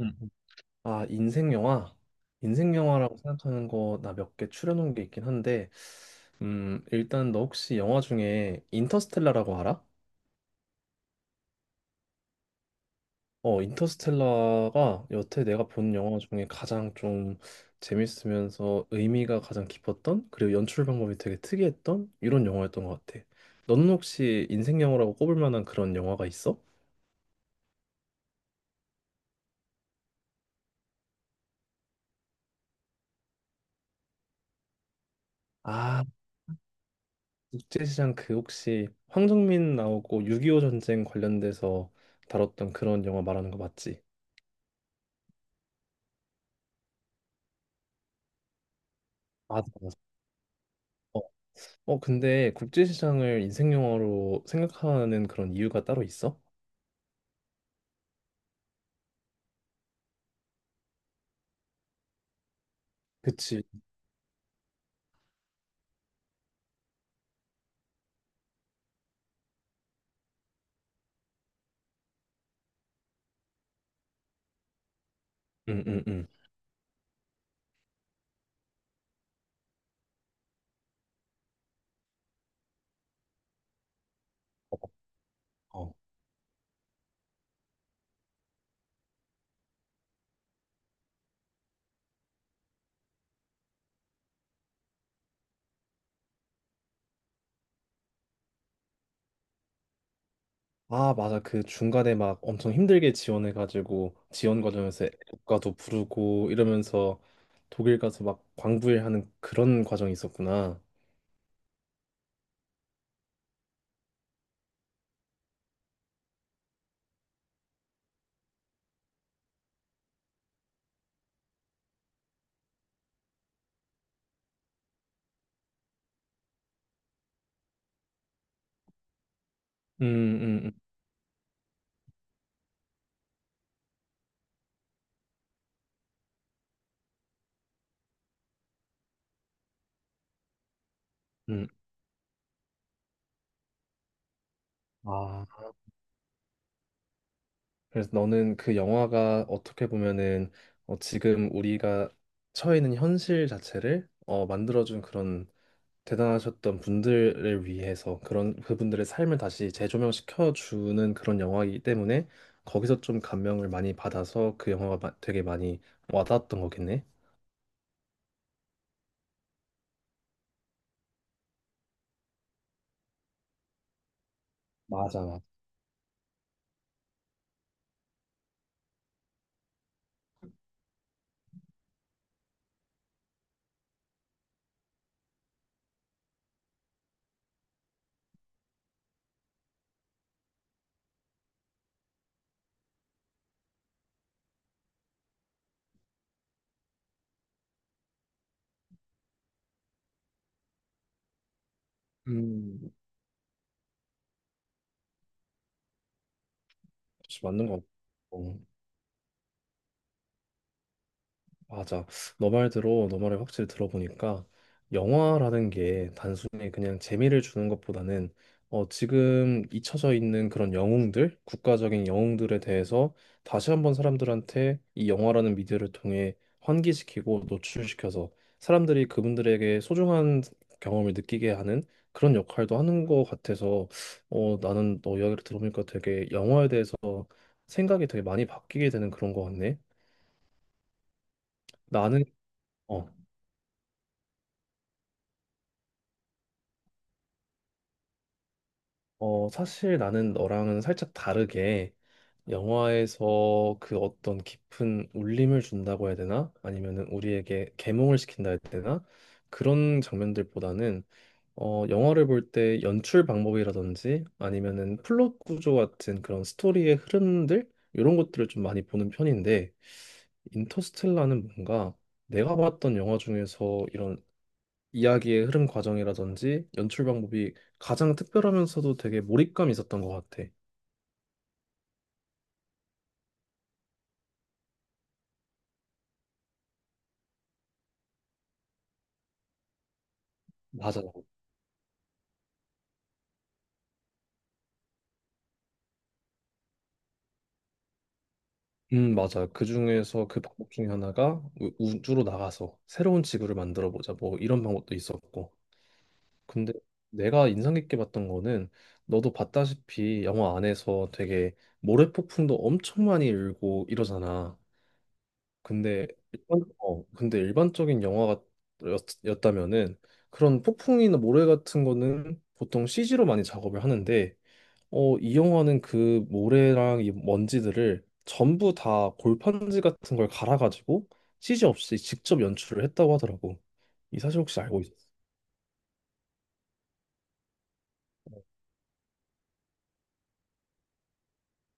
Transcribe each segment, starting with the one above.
음, 아, 인생 영화? 인생 영화라고 생각하는 거 나 몇 개 추려놓은 게 있긴 한데, 일단 너 혹시 영화 중에 인터스텔라라고 알아? 인터스텔라가 여태 내가 본 영화 중에 가장 좀 재밌으면서 의미가 가장 깊었던, 그리고 연출 방법이 되게 특이했던 이런 영화였던 것 같아. 너는 혹시 인생 영화라고 꼽을 만한 그런 영화가 있어? 아, 국제시장 그 혹시 황정민 나오고 6.25 전쟁 관련돼서 다뤘던 그런 영화 말하는 거 맞지? 맞아, 맞아. 어, 근데 국제시장을 인생 영화로 생각하는 그런 이유가 따로 있어? 그치. 응, 응, 응. 어, 어. 아, 맞아. 그 중간에 막 엄청 힘들게 지원해가지고 지원 과정에서 애국가도 부르고 이러면서 독일 가서 막 광부일하는 그런 과정이 있었구나. 음, 음, 음. 음. 아. 그래서 너는 그 영화가 어떻게 보면은 지금 우리가 처해 있는 현실 자체를 만들어준 그런 대단하셨던 분들을 위해서 그런 그분들의 삶을 다시 재조명시켜 주는 그런 영화이기 때문에 거기서 좀 감명을 많이 받아서 그 영화가 되게 많이 와닿았던 거겠네. 맞아. 맞아. 음, 그치, 맞는 거 같고. 맞아. 너 말대로 너 말을 확실히 들어보니까 영화라는 게 단순히 그냥 재미를 주는 것보다는 지금 잊혀져 있는 그런 영웅들, 국가적인 영웅들에 대해서 다시 한번 사람들한테 이 영화라는 미디어를 통해 환기시키고 노출시켜서 사람들이 그분들에게 소중한 경험을 느끼게 하는 그런 역할도 하는 것 같아서 나는 너 이야기를 들어보니까 되게 영화에 대해서 생각이 되게 많이 바뀌게 되는 그런 것 같네. 나는 어, 사실 나는 너랑은 살짝 다르게 영화에서 그 어떤 깊은 울림을 준다고 해야 되나? 아니면은 우리에게 계몽을 시킨다 해야 되나? 그런 장면들보다는 영화를 볼 때 연출 방법이라든지 아니면은 플롯 구조 같은 그런 스토리의 흐름들 이런 것들을 좀 많이 보는 편인데 인터스텔라는 뭔가 내가 봤던 영화 중에서 이런 이야기의 흐름 과정이라든지 연출 방법이 가장 특별하면서도 되게 몰입감이 있었던 것 같아. 맞아. 맞아. 그 중에서 그 방법 중에 하나가 우주로 나가서 새로운 지구를 만들어 보자. 뭐 이런 방법도 있었고. 근데 내가 인상 깊게 봤던 거는 너도 봤다시피 영화 안에서 되게 모래폭풍도 엄청 많이 일고 이러잖아. 근데 근데 일반적인 영화였다면은 그런 폭풍이나 모래 같은 거는 보통 CG로 많이 작업을 하는데 이 영화는 그 모래랑 이 먼지들을 전부 다 골판지 같은 걸 갈아가지고 CG 없이 직접 연출을 했다고 하더라고. 이 사실 혹시 알고 있어?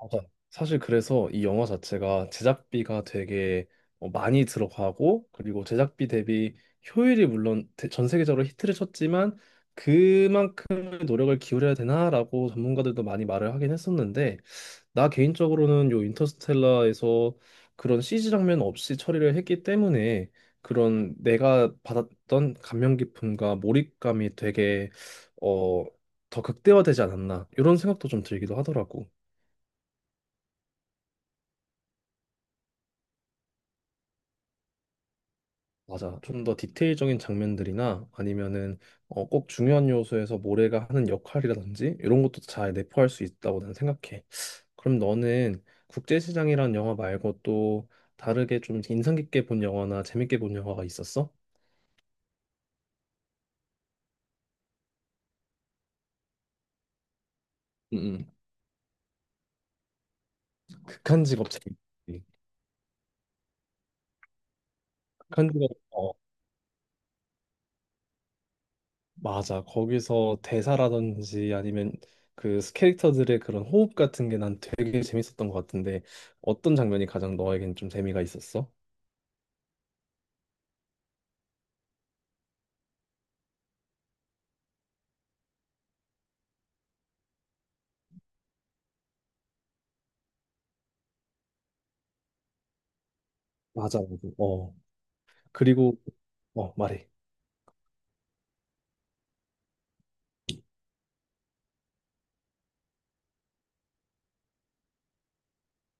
맞아. 사실 그래서 이 영화 자체가 제작비가 되게 많이 들어가고 그리고 제작비 대비 효율이 물론 전 세계적으로 히트를 쳤지만 그만큼의 노력을 기울여야 되나라고 전문가들도 많이 말을 하긴 했었는데 나 개인적으로는 요 인터스텔라에서 그런 CG 장면 없이 처리를 했기 때문에 그런 내가 받았던 감명 깊음과 몰입감이 되게 어, 더 극대화되지 않았나 이런 생각도 좀 들기도 하더라고. 맞아. 좀 더 디테일적인 장면들이나 아니면은 꼭 중요한 요소에서 모래가 하는 역할이라든지 이런 것도 잘 내포할 수 있다고 나는 생각해. 그럼 너는 국제시장이란 영화 말고 또 다르게 좀 인상 깊게 본 영화나 재밌게 본 영화가 있었어? 응 응. 극한 직업 재밌지. 극한 직업 맞아. 거기서 대사라든지 아니면 그 캐릭터들의 그런 호흡 같은 게 난 되게 재밌었던 것 같은데 어떤 장면이 가장 너에겐 좀 재미가 있었어? 맞아, 맞아. 어. 그리고 어, 말해.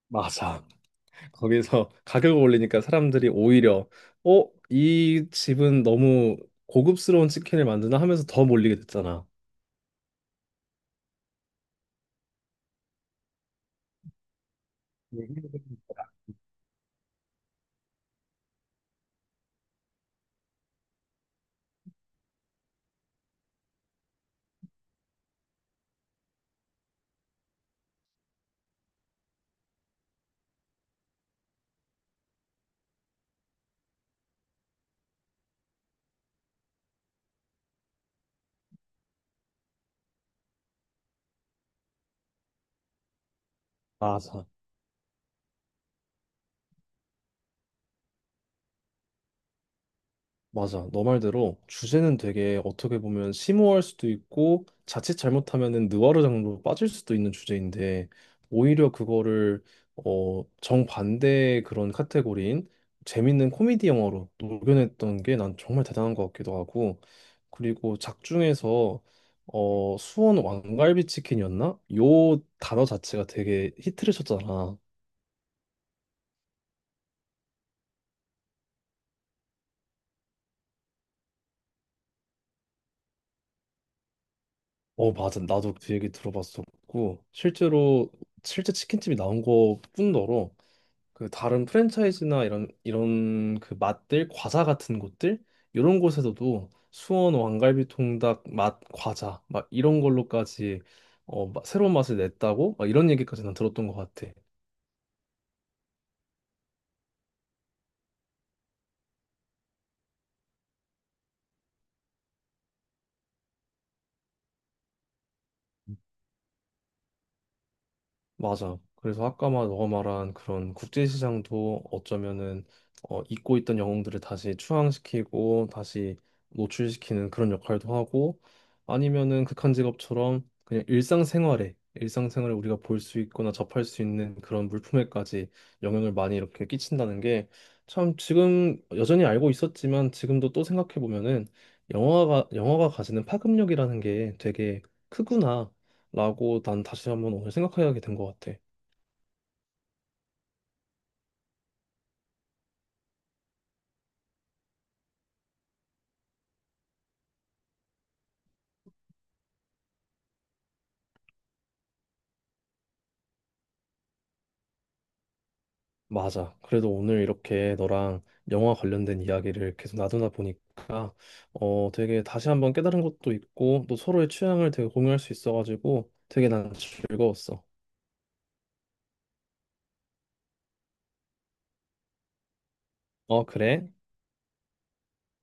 맞아. 거기서 가격을 올리니까 사람들이 오히려 이 집은 너무 고급스러운 치킨을 만드나 하면서 더 몰리게 됐잖아. 네. 맞아. 맞아. 너 말대로 주제는 되게 어떻게 보면 심오할 수도 있고 자칫 잘못하면은 느와르 장르로 빠질 수도 있는 주제인데 오히려 그거를 정반대의 그런 카테고리인 재밌는 코미디 영화로 녹여냈던 게 난 정말 대단한 것 같기도 하고 그리고 작중에서 수원 왕갈비 치킨이었나? 요 단어 자체가 되게 히트를 쳤잖아. 어, 맞아. 나도 그 얘기 들어봤었고, 실제로, 실제 치킨집이 나온 것뿐더러, 그 다른 프랜차이즈나 이런, 이런 그 맛들, 과자 같은 곳들, 이런 곳에서도 수원 왕갈비 통닭 맛 과자, 막 이런 걸로까지 새로운 맛을 냈다고? 막 이런 얘기까지 난 들었던 것 같아. 맞아. 그래서 아까 말 너가 말한 그런 국제시장도 어쩌면은 잊고 있던 영웅들을 다시 추앙시키고 다시 노출시키는 그런 역할도 하고 아니면은 극한 직업처럼 그냥 일상생활에 일상생활에 우리가 볼 수 있거나 접할 수 있는 그런 물품에까지 영향을 많이 이렇게 끼친다는 게 참 지금 여전히 알고 있었지만 지금도 또 생각해 보면은 영화가 영화가 가지는 파급력이라는 게 되게 크구나. 라고 난 다시 한번 오늘 생각하게 된 것 같아. 맞아. 그래도 오늘 이렇게 너랑 영화 관련된 이야기를 계속 나누다 보니까 되게 다시 한번 깨달은 것도 있고 또 서로의 취향을 되게 공유할 수 있어가지고 되게 난 즐거웠어. 어, 그래?